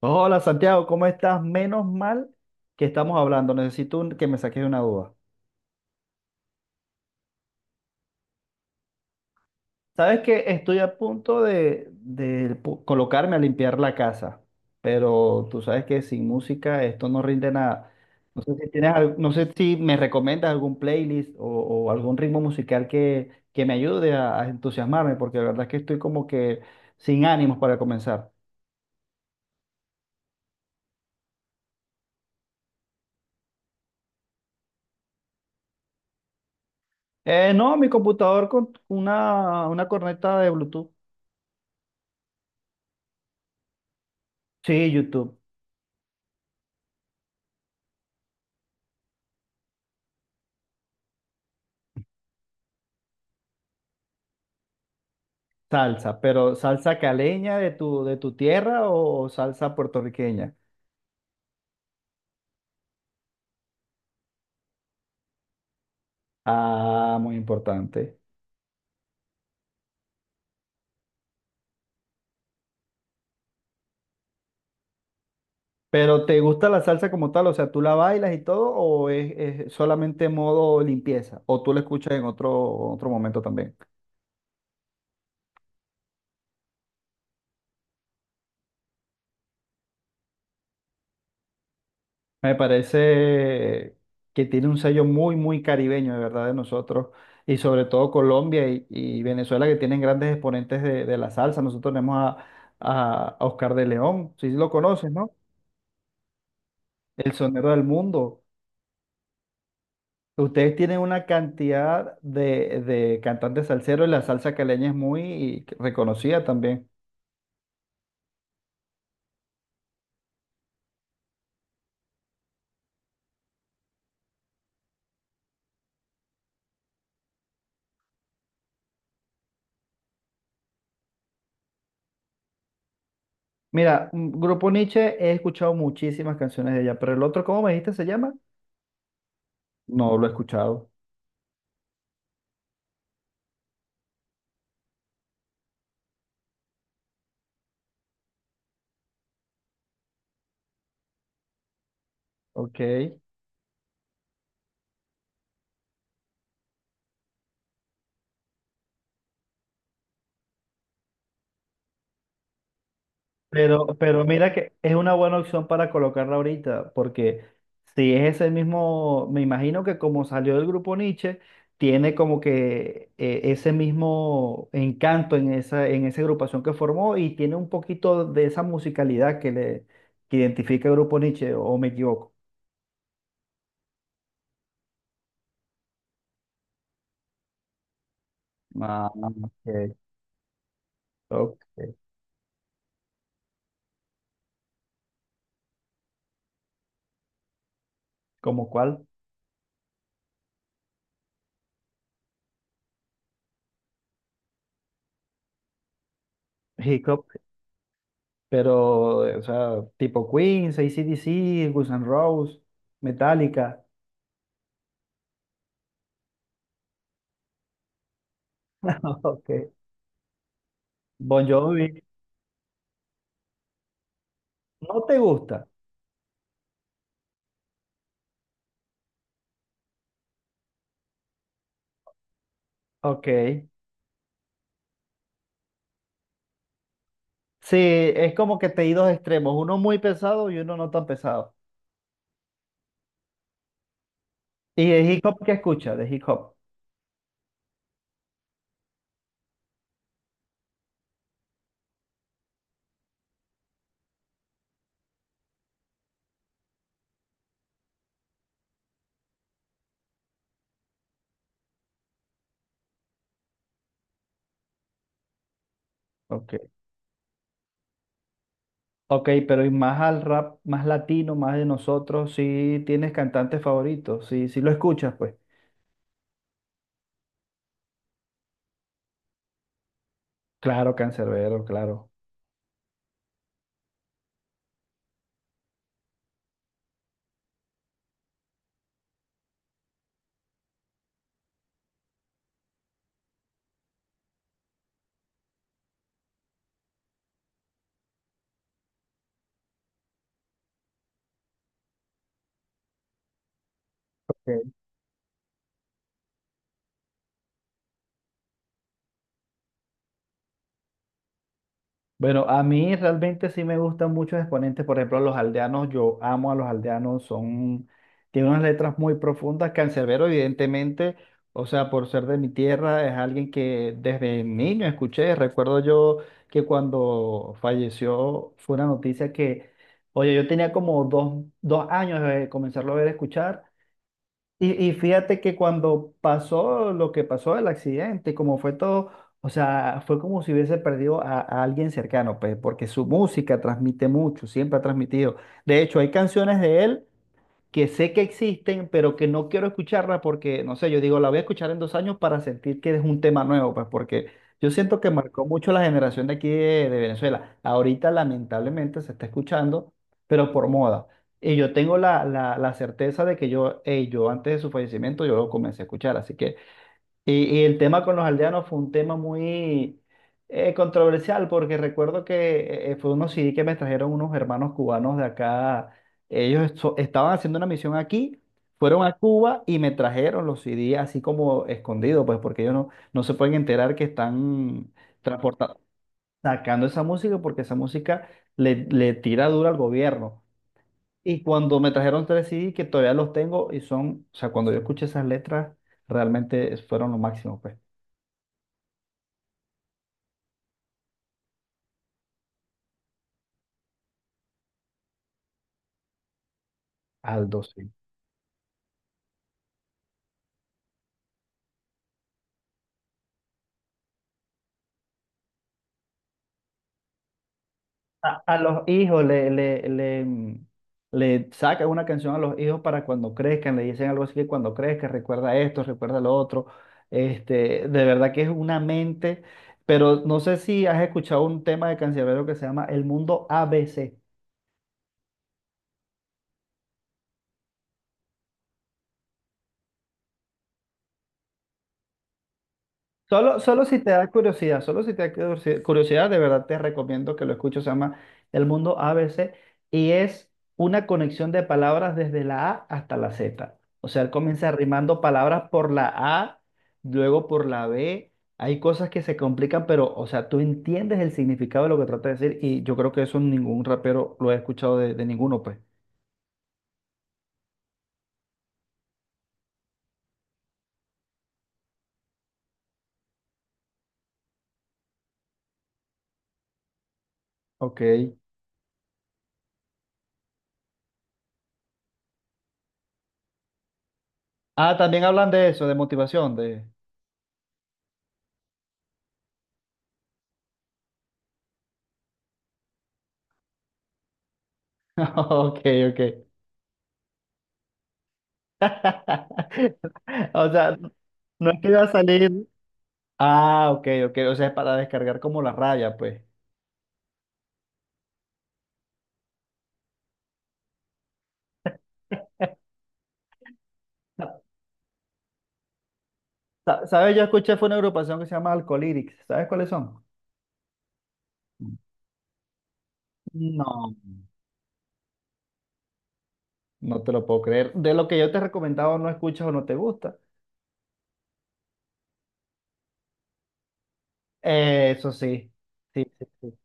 Hola Santiago, ¿cómo estás? Menos mal que estamos hablando. Necesito que me saques de una duda. Sabes que estoy a punto de colocarme a limpiar la casa, pero tú sabes que sin música esto no rinde nada. No sé si tienes, no sé si me recomiendas algún playlist o algún ritmo musical que me ayude a entusiasmarme, porque la verdad es que estoy como que sin ánimos para comenzar. No, mi computador con una corneta de Bluetooth. Sí, YouTube. Salsa, pero salsa caleña de tu tierra o salsa puertorriqueña. Ah, muy importante. Pero ¿te gusta la salsa como tal? O sea, ¿tú la bailas y todo o es solamente modo limpieza? ¿O tú la escuchas en otro momento también? Me parece que tiene un sello muy caribeño, de verdad, de nosotros. Y sobre todo Colombia y Venezuela, que tienen grandes exponentes de la salsa. Nosotros tenemos a Oscar de León, si lo conoces, ¿no? El sonero del mundo. Ustedes tienen una cantidad de cantantes salseros y la salsa caleña es muy reconocida también. Mira, Grupo Nietzsche, he escuchado muchísimas canciones de ella, pero el otro, ¿cómo me dijiste se llama? No lo he escuchado. Ok. Pero mira que es una buena opción para colocarla ahorita, porque si es ese mismo, me imagino que como salió del grupo Nietzsche, tiene como que ese mismo encanto en en esa agrupación que formó y tiene un poquito de esa musicalidad que identifica el grupo Nietzsche, o me equivoco. Ah, ok, ok. ¿Como cuál? Hip hop, pero, o sea, tipo Queen, AC/DC, Guns N' Roses, Metallica. Ok. Bon Jovi, ¿no te gusta? Ok. Sí, es como que te di dos extremos, uno muy pesado y uno no tan pesado. ¿Y de hip hop qué escuchas? De hip hop. Ok. Ok, pero y más al rap, más latino, más de nosotros, sí tienes cantantes favoritos, sí, sí lo escuchas, pues. Claro, Canserbero, claro. Ok. Bueno, a mí realmente sí me gustan muchos exponentes, por ejemplo, los aldeanos, yo amo a los aldeanos, son, tienen unas letras muy profundas, Canserbero evidentemente, o sea, por ser de mi tierra, es alguien que desde niño escuché, recuerdo yo que cuando falleció fue una noticia que, oye, yo tenía como dos años de comenzarlo a ver escuchar y fíjate que cuando pasó lo que pasó, el accidente, como fue todo, o sea, fue como si hubiese perdido a alguien cercano, pues, porque su música transmite mucho, siempre ha transmitido. De hecho, hay canciones de él que sé que existen, pero que no quiero escucharla porque, no sé, yo digo, la voy a escuchar en dos años para sentir que es un tema nuevo, pues porque yo siento que marcó mucho la generación de aquí de Venezuela. Ahorita lamentablemente se está escuchando, pero por moda. Y yo tengo la certeza de que yo, hey, yo antes de su fallecimiento, yo lo comencé a escuchar, así que... Y el tema con los aldeanos fue un tema muy controversial porque recuerdo que fue unos CD que me trajeron unos hermanos cubanos de acá. Ellos estaban haciendo una misión aquí, fueron a Cuba y me trajeron los CD así como escondidos, pues porque ellos no se pueden enterar que están transportando, sacando esa música porque esa música le tira dura al gobierno. Y cuando me trajeron tres CD que todavía los tengo y son, o sea, cuando yo escuché esas letras, realmente fueron lo máximo, pues. Aldo, sí. A los hijos le le saca una canción a los hijos para cuando crezcan, le dicen algo así que cuando crezcas recuerda esto, recuerda lo otro. Este, de verdad que es una mente, pero no sé si has escuchado un tema de Canserbero que se llama El Mundo A B C. Solo, solo si te da curiosidad, solo si te da curiosi- curiosidad, de verdad te recomiendo que lo escuches. Se llama El Mundo A B C y es una conexión de palabras desde la A hasta la Z. O sea, él comienza rimando palabras por la A, luego por la B. Hay cosas que se complican, pero, o sea, tú entiendes el significado de lo que trata de decir y yo creo que eso ningún rapero lo he escuchado de ninguno, pues. Ok. Ah, también hablan de eso, de motivación, de... Ok, ok. O sea, no es que iba a salir. Ah, ok, ok. O sea, es para descargar como la raya, pues. Sa- ¿Sabes? Yo escuché, fue una agrupación que se llama Alcolytics. ¿Sabes cuáles son? No, no te lo puedo creer. De lo que yo te he recomendado, no escuchas o no te gusta. Eso sí. Sí, sí, sí.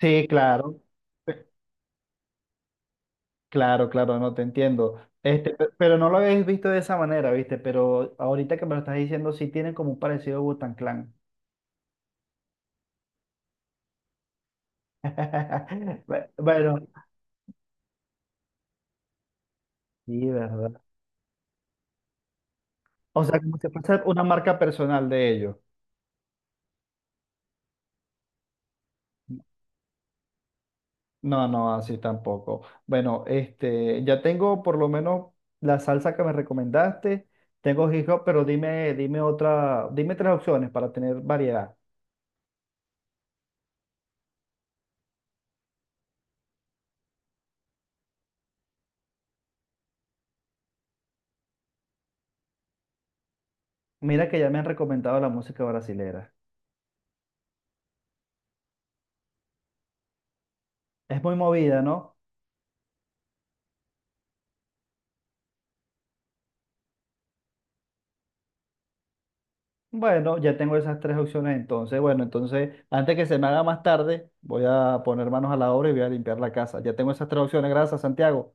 Sí, claro, claro, claro, no te entiendo. Este, pero no lo habéis visto de esa manera, ¿viste? Pero ahorita que me lo estás diciendo, sí tienen como un parecido Wu-Tang Clan. Bueno, sí, ¿verdad? O sea, como si fuese una marca personal de ellos. No, no, así tampoco. Bueno, este, ya tengo por lo menos la salsa que me recomendaste. Tengo hip hop, pero dime, dime otra, dime tres opciones para tener variedad. Mira que ya me han recomendado la música brasilera. Es muy movida, ¿no? Bueno, ya tengo esas tres opciones entonces. Bueno, entonces, antes que se me haga más tarde, voy a poner manos a la obra y voy a limpiar la casa. Ya tengo esas tres opciones. Gracias, Santiago.